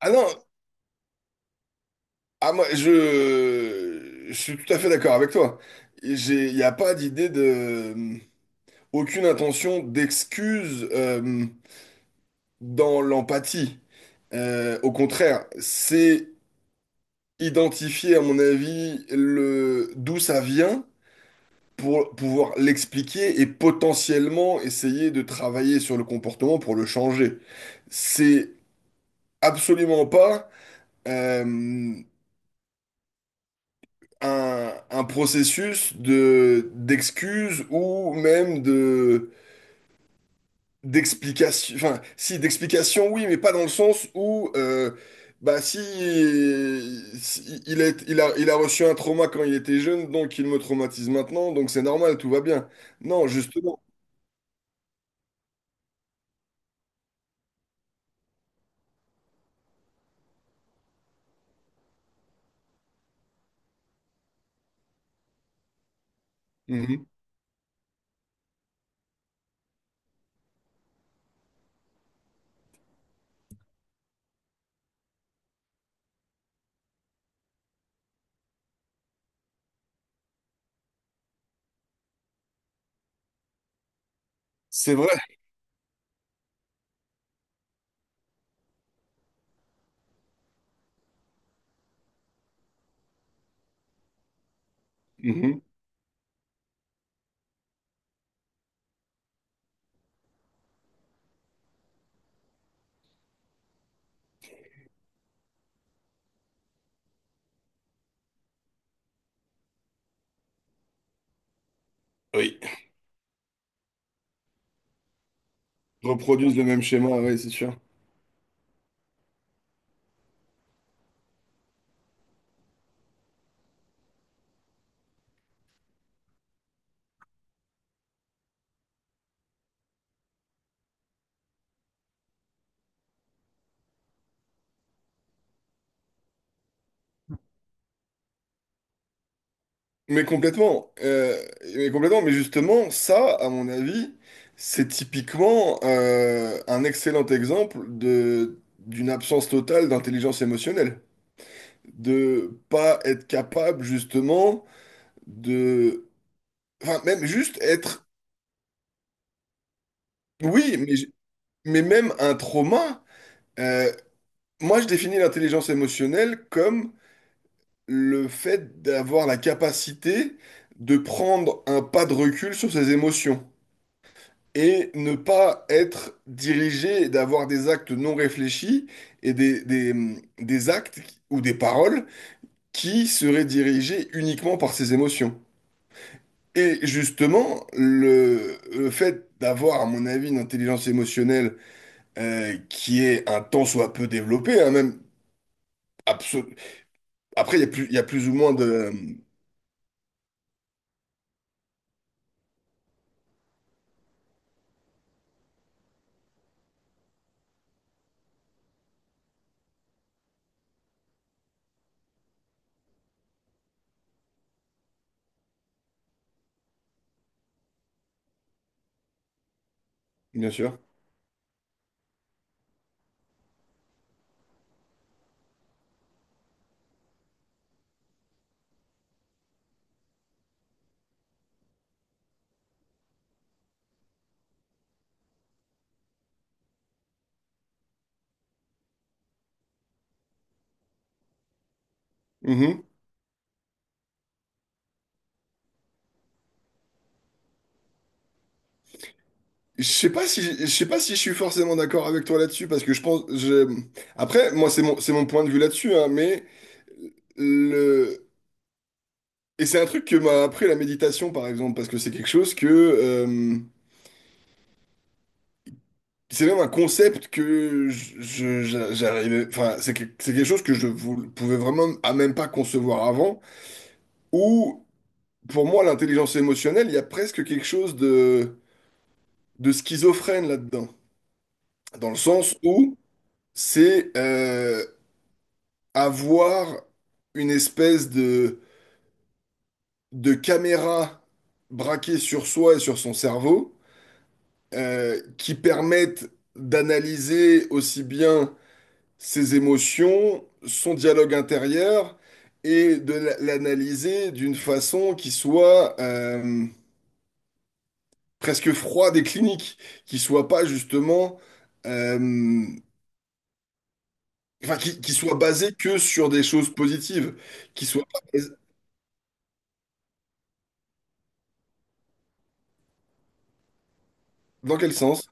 Ah non, ah, moi, je suis tout à fait d'accord avec toi. Il n'y a pas d'idée de, aucune intention d'excuse dans l'empathie. Au contraire, c'est identifier, à mon avis, le, d'où ça vient pour pouvoir l'expliquer et potentiellement essayer de travailler sur le comportement pour le changer. C'est absolument pas. euh, un processus de d'excuses ou même de d'explication. Enfin, si d'explication, oui, mais pas dans le sens où bah si, si il est il a reçu un trauma quand il était jeune, donc il me traumatise maintenant, donc c'est normal, tout va bien. Non, justement. Mhm. C'est vrai. Mhm. Oui. Reproduisent le même schéma, oui, c'est sûr. Mais complètement, mais complètement, mais justement, ça, à mon avis, c'est typiquement un excellent exemple de d'une absence totale d'intelligence émotionnelle, de pas être capable justement de, enfin même juste être, oui, mais même un trauma. euh, Moi, je définis l'intelligence émotionnelle comme le fait d'avoir la capacité de prendre un pas de recul sur ses émotions, et ne pas être dirigé et d'avoir des actes non réfléchis et des actes ou des paroles qui seraient dirigés uniquement par ses émotions. Et justement, le fait d'avoir, à mon avis, une intelligence émotionnelle qui est un tant soit peu développée, hein, même absolu- Après, il y a plus, il y a plus ou moins de... Bien sûr. Mhm. Je sais pas si, je sais pas si je suis forcément d'accord avec toi là-dessus, parce que je pense... Je... Après, moi, c'est mon point de vue là-dessus, hein, mais Le... Et c'est un truc que m'a appris la méditation, par exemple, parce que c'est quelque chose que... c'est même un concept que j'arrivais... Enfin, c'est quelque chose que pouvais vraiment à même pas concevoir avant, où, pour moi, l'intelligence émotionnelle, il y a presque quelque chose de schizophrène là-dedans. Dans le sens où c'est avoir une espèce de caméra braquée sur soi et sur son cerveau, qui permettent d'analyser aussi bien ses émotions, son dialogue intérieur, et l'analyser d'une façon qui soit presque froide et clinique, qui soit pas justement, euh, enfin, qui soit basée que sur des choses positives, qui soit pas basée- dans quel sens?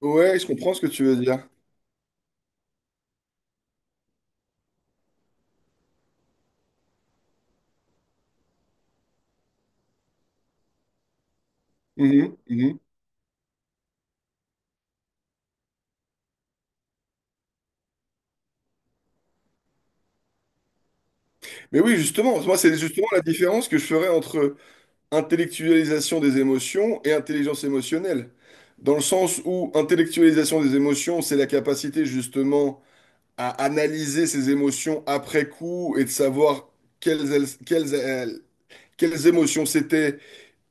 Ouais, je comprends ce que tu veux dire. Mhm, mhm. Mais oui, justement, moi, c'est justement la différence que je ferais entre intellectualisation des émotions et intelligence émotionnelle. Dans le sens où intellectualisation des émotions, c'est la capacité justement à analyser ses émotions après coup et de savoir quelles, elles- quelles, elles- quelles émotions c'était,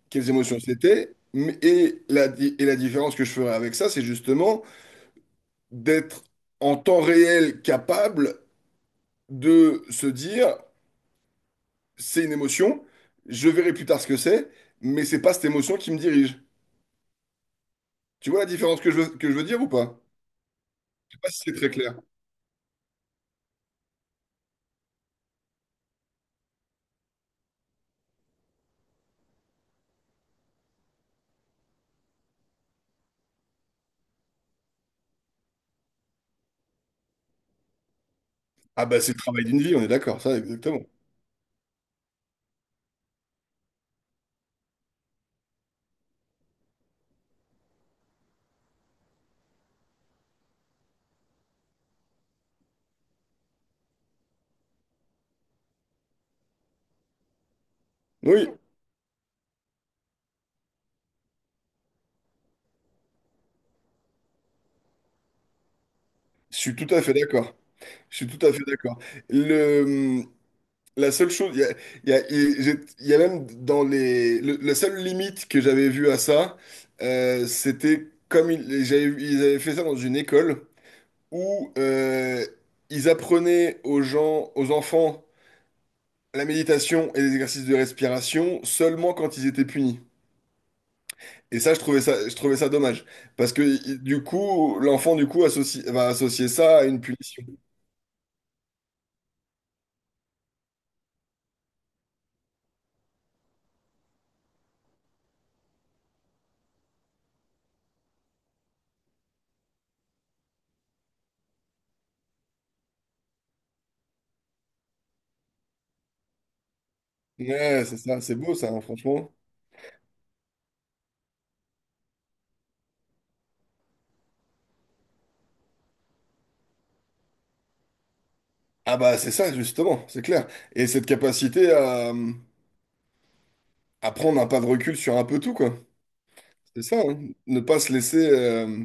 quelles émotions c'était. Mais- Et la différence que je ferai avec ça, c'est justement d'être en temps réel capable de se dire, c'est une émotion, je verrai plus tard ce que c'est, mais c'est pas cette émotion qui me dirige. Tu vois la différence que que je veux dire ou pas? Je sais pas si c'est très clair. Ah bah c'est le travail d'une vie, on est d'accord, ça exactement. Oui, je suis tout à fait d'accord. Je suis tout à fait d'accord. Le, la seule chose, il y a même dans les, la seule limite que j'avais vue à ça, c'était comme ils, ils avaient fait ça dans une école où ils apprenaient aux gens, aux enfants, la méditation et les exercices de respiration seulement quand ils étaient punis. Et ça, je trouvais ça dommage. Parce que du coup, l'enfant, du coup, va associer ça à une punition. Ouais, c'est ça, c'est beau ça, hein, franchement. Ah bah c'est ça, justement, c'est clair. Et cette capacité à prendre un pas de recul sur un peu tout, quoi. C'est ça, hein. Ne pas se laisser,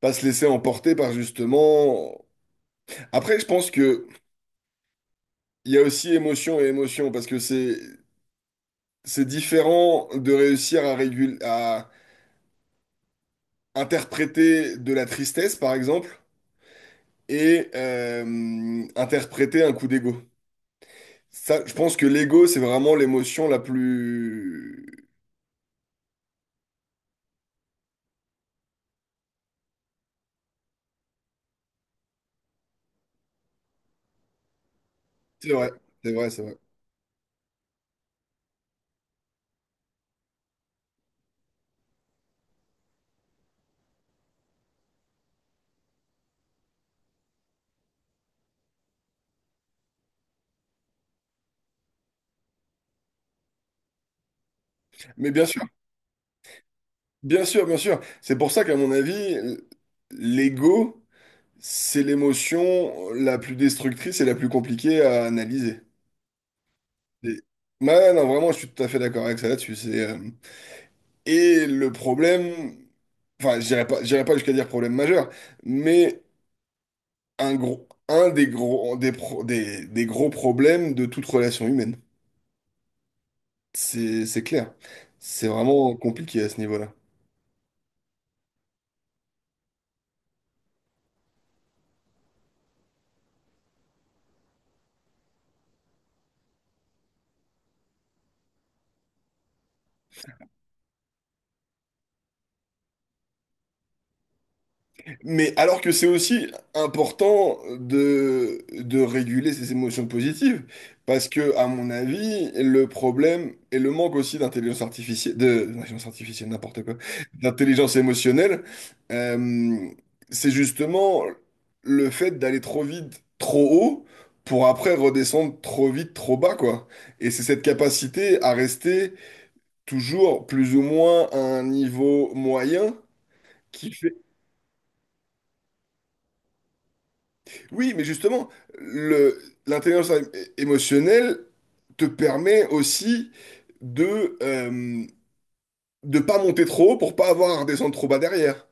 pas se laisser emporter par justement. Après, je pense que il y a aussi émotion et émotion, parce que c'est différent de réussir à interpréter de la tristesse, par exemple et interpréter un coup d'ego. Ça, je pense que l'ego, c'est vraiment l'émotion la plus... C'est vrai, c'est vrai, c'est vrai. Mais bien sûr, bien sûr, bien sûr. C'est pour ça qu'à mon avis, l'ego, c'est l'émotion la plus destructrice et la plus compliquée à analyser. Et- Ouais, non, vraiment, je suis tout à fait d'accord avec ça là-dessus. C'est, et le problème, enfin, je dirais pas jusqu'à dire problème majeur, mais un gros, un des gros, des, pro- des gros problèmes de toute relation humaine. C'est clair. C'est vraiment compliqué à ce niveau-là. Mais alors que c'est aussi important de réguler ses émotions positives, parce que, à mon avis, le problème et le manque aussi d'intelligence artificielle, de, d'intelligence artificielle, n'importe quoi, d'intelligence émotionnelle, euh, c'est justement le fait d'aller trop vite, trop haut, pour après redescendre trop vite, trop bas, quoi. Et c'est cette capacité à rester toujours plus ou moins à un niveau moyen qui fait Oui, mais justement, le, l'intelligence é- émotionnelle te permet aussi de euh, de pas monter trop haut pour pas avoir à redescendre trop bas derrière.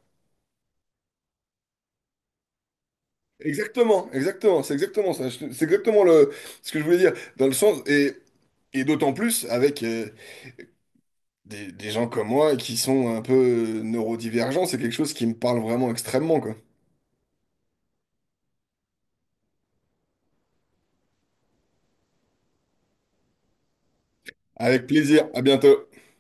Exactement, exactement, c'est exactement ça. C'est exactement le ce que je voulais dire dans le sens et d'autant plus avec des gens comme moi qui sont un peu neurodivergents, c'est quelque chose qui me parle vraiment extrêmement quoi. Avec plaisir, à bientôt.